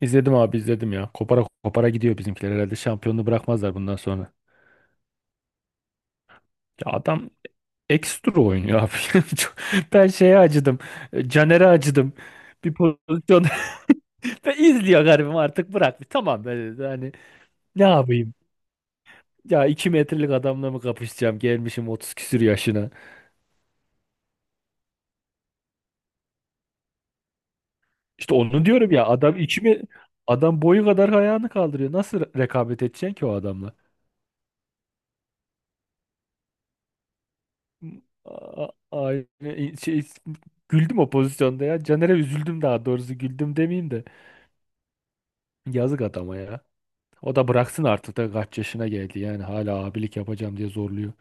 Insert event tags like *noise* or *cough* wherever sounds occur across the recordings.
İzledim abi izledim ya. Kopara kopara gidiyor bizimkiler. Herhalde şampiyonluğu bırakmazlar bundan sonra. Ya adam ekstra oynuyor abi. *laughs* Ben şeye acıdım. Caner'e acıdım. Bir pozisyon. *laughs* Ben izliyor garibim artık bırak. Tamam ben dedi. Hani ne yapayım? Ya 2 metrelik adamla mı kapışacağım? Gelmişim 30 küsür yaşına. İşte onu diyorum ya adam 2 mi adam boyu kadar ayağını kaldırıyor. Nasıl rekabet edeceksin ki o adamla? Aynen şey, güldüm o pozisyonda ya. Caner'e üzüldüm, daha doğrusu güldüm demeyeyim de. Yazık adama ya. O da bıraksın artık da kaç yaşına geldi yani hala abilik yapacağım diye zorluyor.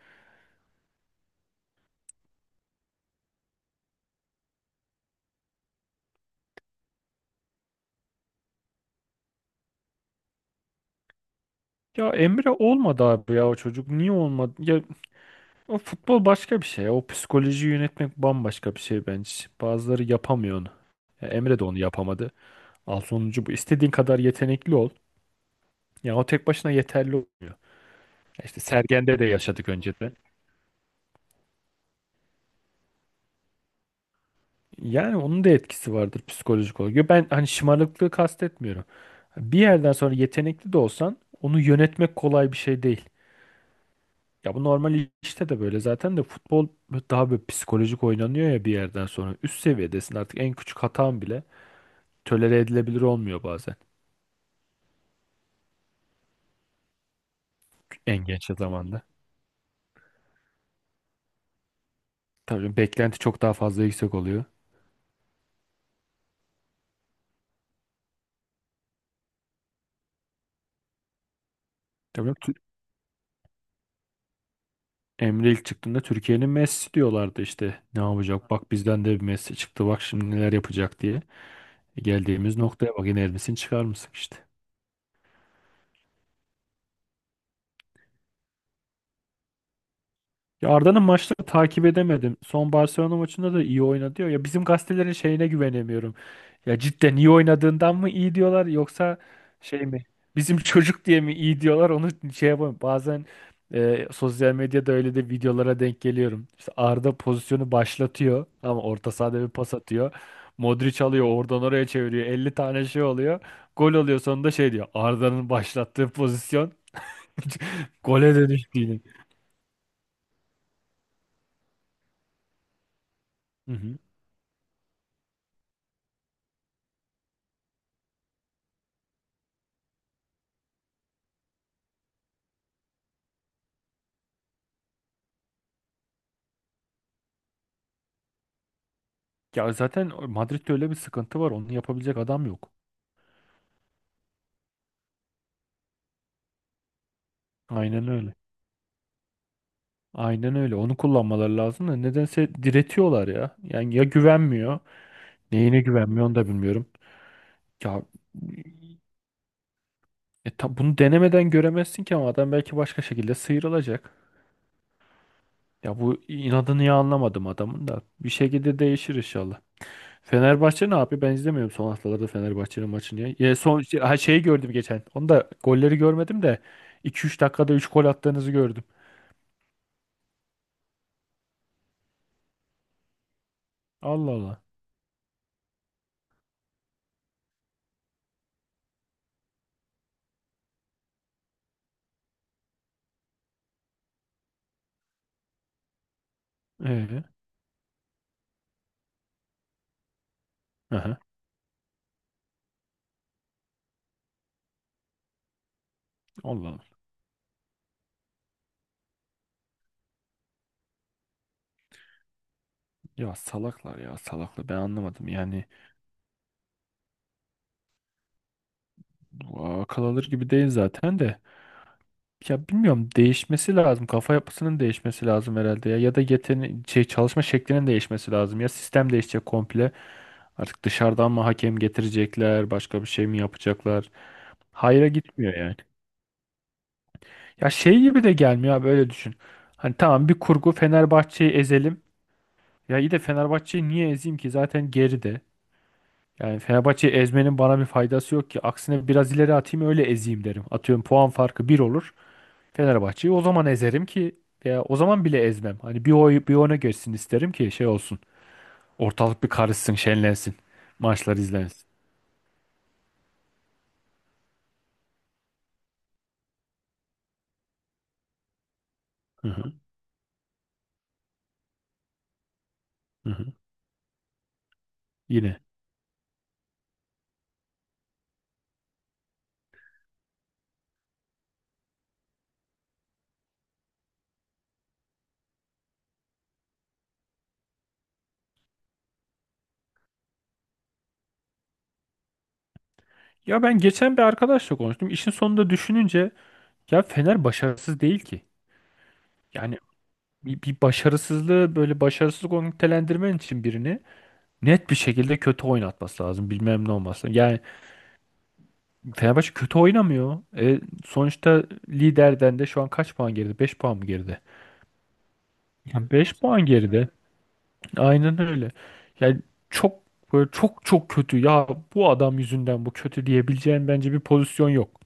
Ya Emre olmadı abi ya o çocuk. Niye olmadı? Ya o futbol başka bir şey. O psikolojiyi yönetmek bambaşka bir şey bence. Bazıları yapamıyor onu. Ya Emre de onu yapamadı. Al sonucu bu. İstediğin kadar yetenekli ol. Ya o tek başına yeterli olmuyor. Ya İşte Sergen'de de yaşadık önceden. Yani onun da etkisi vardır psikolojik olarak. Yo, ben hani şımarıklığı kastetmiyorum. Bir yerden sonra yetenekli de olsan onu yönetmek kolay bir şey değil. Ya bu normal işte de, böyle zaten de futbol daha böyle psikolojik oynanıyor ya bir yerden sonra. Üst seviyedesin artık, en küçük hatan bile tolere edilebilir olmuyor bazen, en genç zamanda. Tabii beklenti çok daha fazla yüksek oluyor. Tabii Emre ilk çıktığında Türkiye'nin Messi diyorlardı işte. Ne yapacak? Bak bizden de bir Messi çıktı. Bak şimdi neler yapacak diye. Geldiğimiz noktaya bak, yine Elvis'ini çıkarmışsın işte. Ya Arda'nın maçları takip edemedim. Son Barcelona maçında da iyi oynadı diyor. Ya bizim gazetelerin şeyine güvenemiyorum. Ya cidden iyi oynadığından mı iyi diyorlar yoksa şey mi? Bizim *laughs* çocuk diye mi iyi diyorlar, onu şey yapamıyorum. Bazen sosyal medyada öyle de videolara denk geliyorum. İşte Arda pozisyonu başlatıyor ama orta sahada bir pas atıyor. Modric alıyor oradan oraya çeviriyor. 50 tane şey oluyor. Gol oluyor sonunda, şey diyor, Arda'nın başlattığı pozisyon *laughs* gole dönüştü yine. Ya zaten Madrid'de öyle bir sıkıntı var. Onu yapabilecek adam yok. Aynen öyle. Aynen öyle. Onu kullanmaları lazım da nedense diretiyorlar ya. Yani ya güvenmiyor. Neyine güvenmiyor onu da bilmiyorum. Ya bunu denemeden göremezsin ki, ama adam belki başka şekilde sıyrılacak. Ya bu inadını ya anlamadım adamın da. Bir şekilde değişir inşallah. Fenerbahçe ne yapıyor? Ben izlemiyorum son haftalarda Fenerbahçe'nin maçını ya. Ya son ha, şeyi gördüm geçen. Onu da golleri görmedim de 2-3 dakikada 3 gol attığınızı gördüm. Allah Allah. Ee, aha, Allah Allah. Ya salaklar ya salaklar, ben anlamadım yani. Bu akıl alır gibi değil zaten de, ya bilmiyorum, değişmesi lazım. Kafa yapısının değişmesi lazım herhalde ya, ya da şey, çalışma şeklinin değişmesi lazım. Ya sistem değişecek komple artık, dışarıdan mı hakem getirecekler, başka bir şey mi yapacaklar, hayra gitmiyor yani. Ya şey gibi de gelmiyor abi, öyle düşün. Hani tamam, bir kurgu, Fenerbahçe'yi ezelim. Ya iyi de Fenerbahçe'yi niye ezeyim ki, zaten geride. Yani Fenerbahçe'yi ezmenin bana bir faydası yok ki. Aksine biraz ileri atayım, öyle ezeyim derim. Atıyorum, puan farkı bir olur. Fenerbahçe'yi o zaman ezerim ki, veya o zaman bile ezmem. Hani bir oy bir ona geçsin isterim ki şey olsun. Ortalık bir karışsın, şenlensin. Maçlar izlensin. Hı hı, hı hı. Yine. Ya ben geçen bir arkadaşla konuştum. İşin sonunda düşününce ya Fener başarısız değil ki. Yani bir başarısızlığı böyle başarısızlık olarak nitelendirmen için birini net bir şekilde kötü oynatması lazım. Bilmem ne olması lazım. Yani Fenerbahçe kötü oynamıyor. E, sonuçta liderden de şu an kaç puan geride? 5 puan mı geride? Ya 5 puan geride. Aynen öyle. Yani çok böyle, çok çok kötü. Ya bu adam yüzünden bu kötü diyebileceğin bence bir pozisyon yok.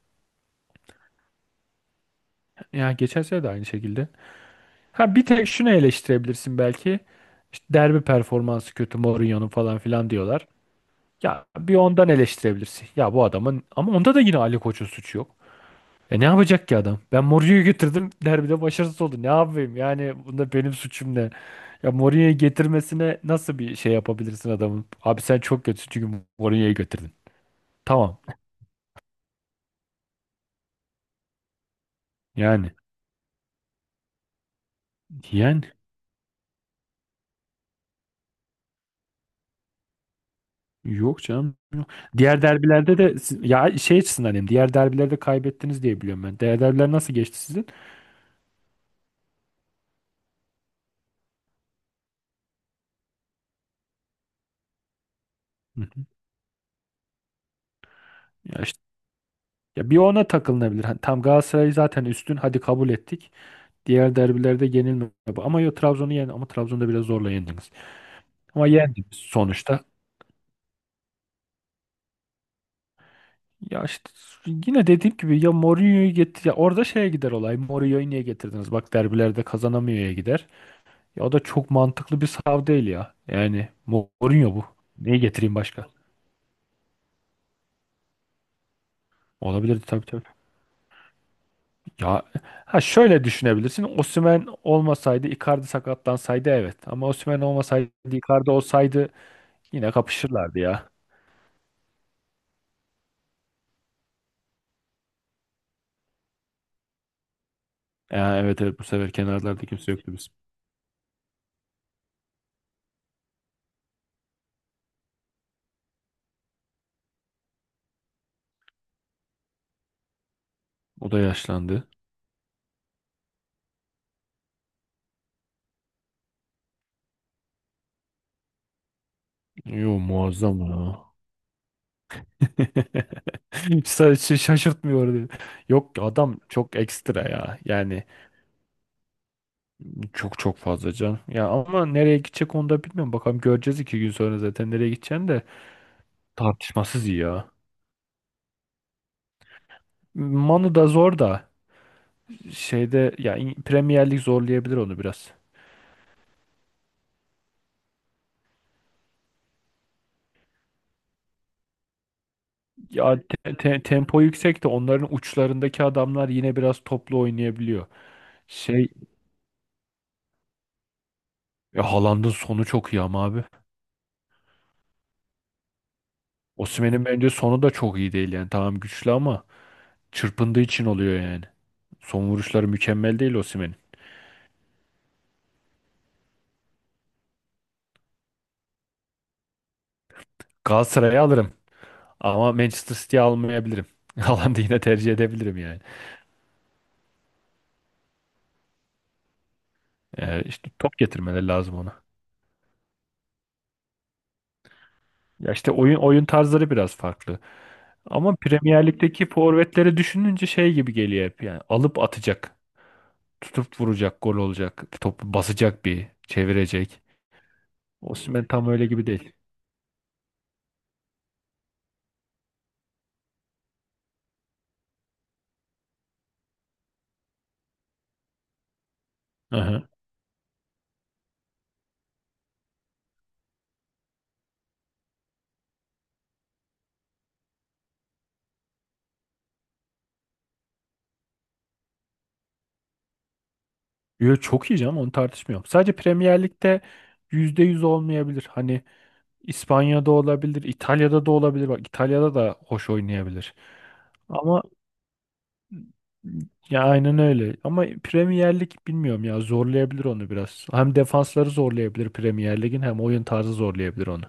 Ya geçen sene de aynı şekilde. Ha bir tek şunu eleştirebilirsin belki. İşte derbi performansı kötü Mourinho'nun falan filan diyorlar. Ya bir ondan eleştirebilirsin. Ya bu adamın ama, onda da yine Ali Koç'un suçu yok. Ne yapacak ki adam? Ben Mourinho'yu getirdim, derbide başarısız oldu. Ne yapayım? Yani bunda benim suçum ne? Ya Mourinho'yu getirmesine nasıl bir şey yapabilirsin adamın? Abi sen çok kötüsün çünkü Mourinho'yu getirdin. Tamam. Yani. Yani. Yok canım. Diğer derbilerde de ya şey açısından diyeyim. Diğer derbilerde kaybettiniz diye biliyorum ben. Diğer derbiler nasıl geçti sizin? Hı hı. Ya işte, ya bir ona takılınabilir. Hani tam Galatasaray zaten üstün. Hadi, kabul ettik. Diğer derbilerde yenilme, bu. Ama yo, Trabzon'u yen, ama Trabzon'da biraz zorla yendiniz. Ama yendi sonuçta. Ya işte yine dediğim gibi, ya Mourinho'yu getir ya, orada şeye gider olay. Mourinho'yu niye getirdiniz? Bak derbilerde kazanamıyor'ya gider. Ya o da çok mantıklı bir sav değil ya. Yani Mourinho bu. Neyi getireyim başka? Olabilirdi, tabii, tabii. Ya ha, şöyle düşünebilirsin. Osimhen olmasaydı, Icardi sakatlansaydı, evet. Ama Osimhen olmasaydı Icardi olsaydı yine kapışırlardı ya. Ya, evet, evet, bu sefer kenarlarda kimse yoktu biz. O da yaşlandı. Yo, muazzam ya. *laughs* Sadece şaşırtmıyor diyor. Yok adam çok ekstra ya. Yani çok çok fazla can. Ya ama nereye gidecek onu da bilmiyorum. Bakalım, göreceğiz 2 gün sonra zaten nereye gideceğini de. Tartışmasız iyi ya. Manu da zor da, şeyde ya, Premier Lig zorlayabilir onu biraz. Ya tempo yüksek de onların uçlarındaki adamlar yine biraz toplu oynayabiliyor. Şey ya, Haaland'ın sonu çok iyi ama abi. Osimhen'in bence sonu da çok iyi değil yani. Tamam güçlü ama çırpındığı için oluyor yani. Son vuruşları mükemmel değil Osimhen'in. Galatasaray'ı alırım ama Manchester City'yi almayabilirim. *laughs* Haaland'ı yine tercih edebilirim yani. İşte top getirmeleri lazım ona. Ya işte oyun tarzları biraz farklı. Ama Premier Lig'deki forvetleri düşününce şey gibi geliyor hep yani. Alıp atacak, tutup vuracak, gol olacak, topu basacak bir, çevirecek. Osimhen tam öyle gibi değil. Aha. Yo, çok iyi canım, onu tartışmıyorum. Sadece Premier Lig'de %100 olmayabilir. Hani, İspanya'da olabilir, İtalya'da da olabilir. Bak İtalya'da da hoş oynayabilir. Ama ya, aynen öyle. Ama Premier Lig bilmiyorum ya, zorlayabilir onu biraz. Hem defansları zorlayabilir Premier Lig'in, hem oyun tarzı zorlayabilir onu.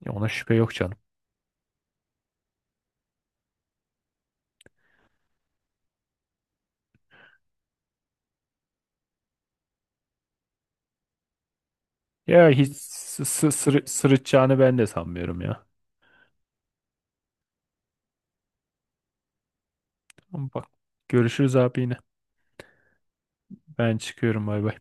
Ya ona şüphe yok canım. Ya hiç sırıtacağını ben de sanmıyorum ya. Ama bak, görüşürüz abi yine. Ben çıkıyorum, bay bay.